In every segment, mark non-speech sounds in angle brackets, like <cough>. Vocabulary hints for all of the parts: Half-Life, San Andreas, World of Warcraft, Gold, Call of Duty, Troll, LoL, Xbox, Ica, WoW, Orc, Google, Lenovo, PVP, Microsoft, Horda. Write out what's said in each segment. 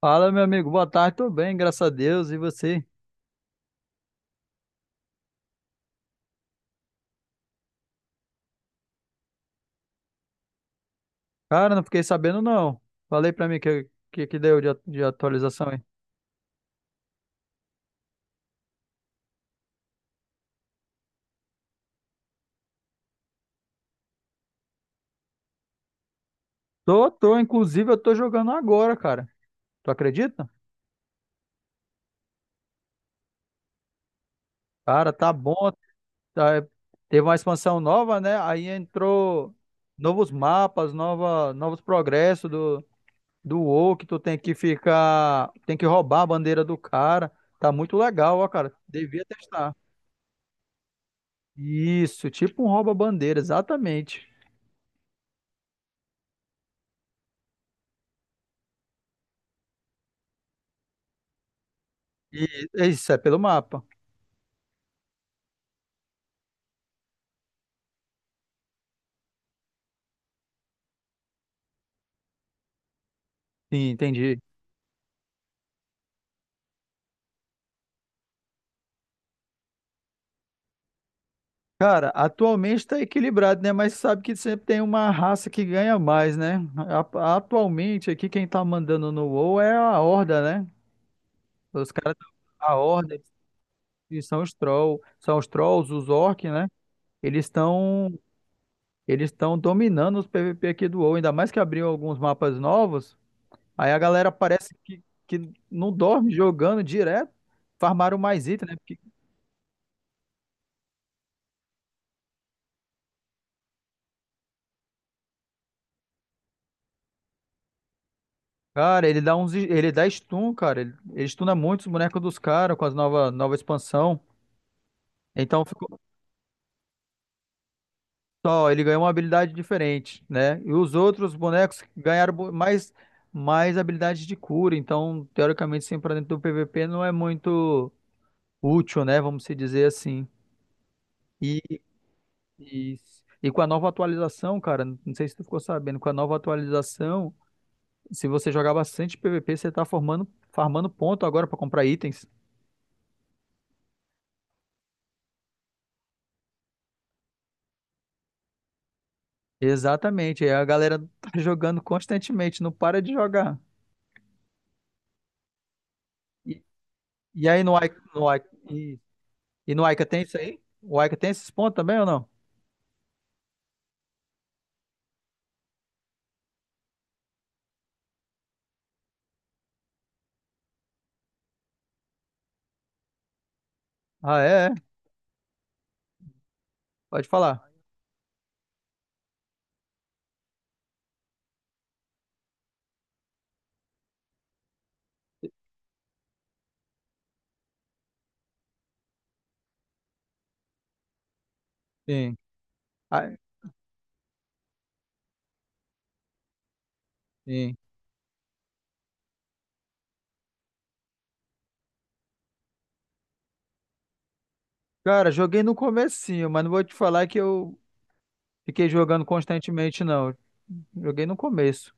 Fala, meu amigo. Boa tarde, tudo bem, graças a Deus. E você? Cara, não fiquei sabendo, não. Falei pra mim que deu de, de atualização aí. Tô. Inclusive, eu tô jogando agora, cara. Tu acredita? Cara, tá bom. Tá, teve uma expansão nova, né? Aí entrou novos mapas, novos progressos do WoW, que tu tem que ficar... Tem que roubar a bandeira do cara. Tá muito legal, ó, cara. Devia testar. Isso, tipo um rouba-bandeira, exatamente. E é isso, é pelo mapa. Sim, entendi. Cara, atualmente tá equilibrado, né? Mas sabe que sempre tem uma raça que ganha mais, né? Atualmente aqui quem tá mandando no WoW é a Horda, né? Os caras, a Horda, e são os Troll, são os Trolls, os Orcs, né? Eles estão eles estão dominando os PVP aqui do WoW, ainda mais que abriu alguns mapas novos. Aí a galera parece que não dorme jogando direto, farmaram mais item, né? Cara, ele dá uns, ele dá stun, cara. Ele stuna muito os bonecos dos caras com as nova expansão. Então ficou só, ele ganhou uma habilidade diferente, né? E os outros bonecos ganharam mais mais habilidades de cura, então teoricamente sempre pra dentro do PVP não é muito útil, né? Vamos se dizer assim. E, e, e com a nova atualização, cara, não sei se tu ficou sabendo, com a nova atualização, se você jogar bastante PVP, você tá formando, farmando ponto agora pra comprar itens. Exatamente, aí a galera <laughs> tá jogando constantemente, não para de jogar. E, e aí no Ica, no Ica, e no Ica tem isso aí? O Ica tem esses pontos também ou não? Ah, é? É. Pode falar. Sim. Ah, sim. Cara, joguei no comecinho, mas não vou te falar que eu fiquei jogando constantemente, não. Joguei no começo.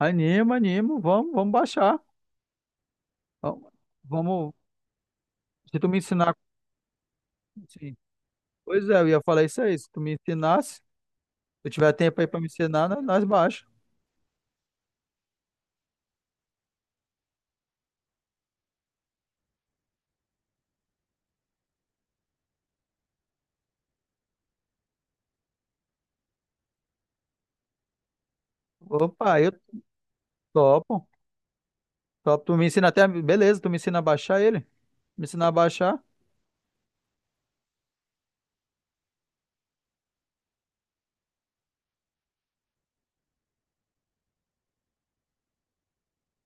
Anima, animo, vamos, vamos baixar. Vamos, vamos- Se tu me ensinar, sim. Pois é, eu ia falar isso aí, se tu me ensinasse, se tu tiver tempo aí pra me ensinar, nós nós baixa. Opa, eu topo. Top. Tu me ensina até. A- Beleza, tu me ensina a baixar ele? Me ensina a baixar?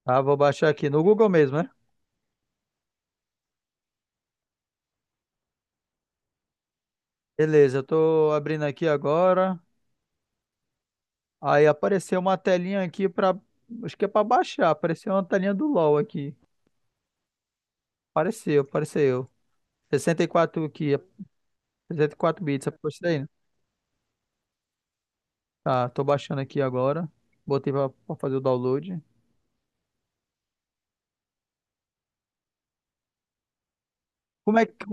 Ah, vou baixar aqui no Google mesmo, né? Beleza, eu tô abrindo aqui agora. Aí apareceu uma telinha aqui pra. Acho que é pra baixar. Apareceu uma telinha do LoL aqui. Apareceu, apareceu. Sessenta e quatro aqui, 64 bits, é isso daí, né? Tá, tô baixando aqui agora. Botei pra fazer o download. Como é que.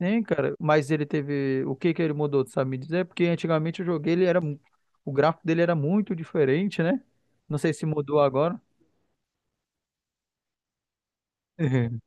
Sim, cara, mas ele teve. O que que ele mudou, tu sabe me dizer? Porque antigamente eu joguei, o gráfico dele era muito diferente, né? Não sei se mudou agora. Uhum.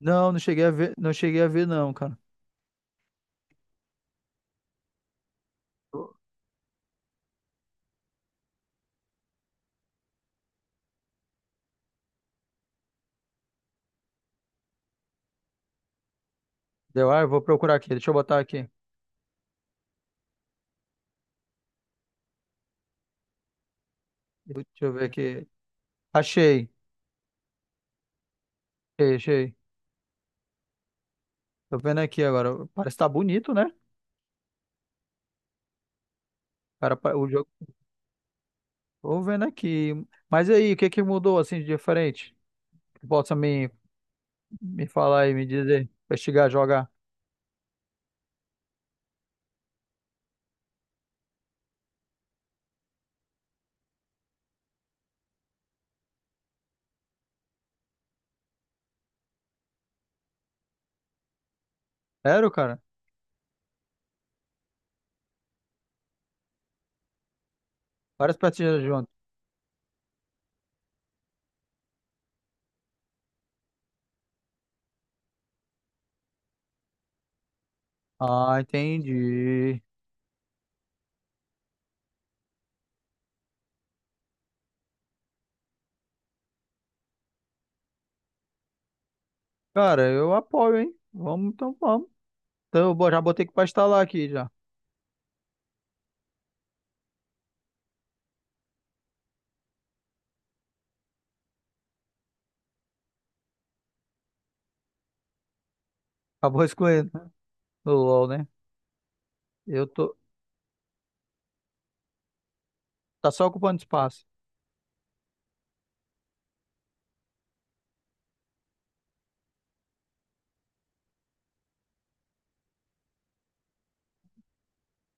Não cheguei a ver, não, cara. Deu, ah, eu vou procurar aqui, deixa eu botar aqui. Deixa eu ver aqui. Achei, achei. Tô vendo aqui agora. Parece que tá bonito, né? O jogo. Tô vendo aqui. Mas aí, o que que mudou assim de diferente? Que possa me, me falar e me dizer, investigar, jogar. Sério, cara? Várias partidas juntas. Ah, entendi. Cara, eu apoio, hein? Vamos. Então, já botei aqui pra instalar aqui já. Acabou <laughs> escolhendo, né? O LoL, né? Eu tô. Tá só ocupando espaço.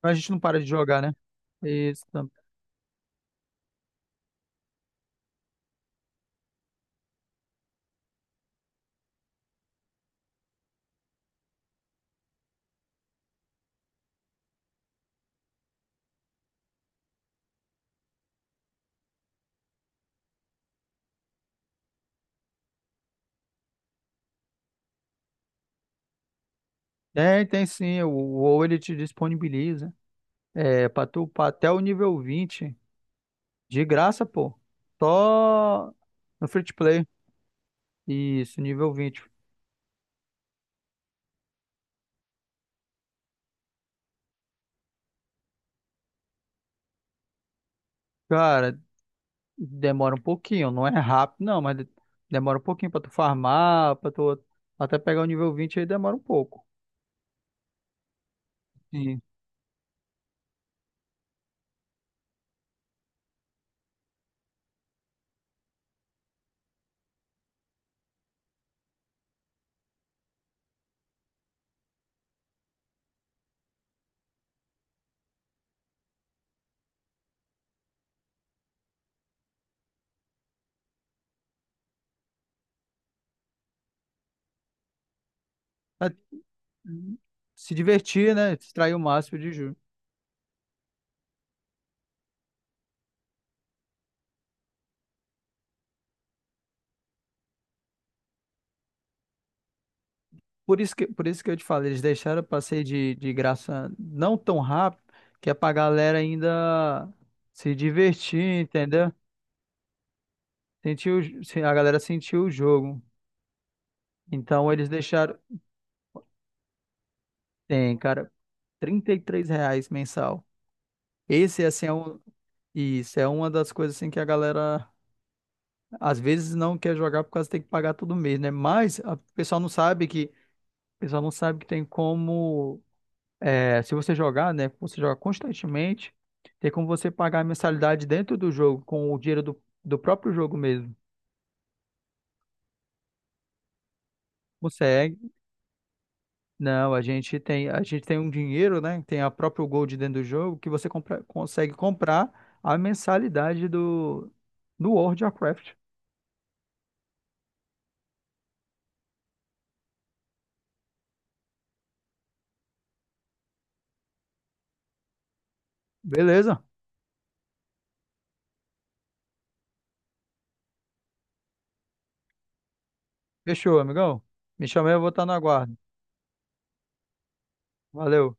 Mas a gente não para de jogar, né? Isso. tam- Tem, tem sim. O WoW ele te disponibiliza. É, pra tu upar até o nível 20 de graça, pô. Só no free to play. Isso, nível 20. Cara, demora um pouquinho, não é rápido, não, mas demora um pouquinho pra tu farmar, pra tu até pegar o nível 20 aí demora um pouco. Sim. Mas, hum, se divertir, né? Extrair o máximo de juros. Por isso que eu te falei, eles deixaram o ser de graça não tão rápido, que é pra galera ainda se divertir, entendeu? Sentir o j- se- A galera sentir o jogo. Então eles deixaram. Tem, cara, R$ 33 reais mensal. Esse, assim, é um. E isso é uma das coisas assim que a galera às vezes não quer jogar por causa que tem que pagar todo mês, né? O pessoal não sabe que, o pessoal não sabe que tem como, é, se você jogar, né? Você joga constantemente, tem como você pagar a mensalidade dentro do jogo com o dinheiro do próprio jogo mesmo. Consegue? Não, a gente tem um dinheiro, né? Tem a própria Gold dentro do jogo que você consegue comprar a mensalidade do World of Warcraft. Beleza? Fechou, amigão. Me chamei, eu vou estar no aguardo. Valeu.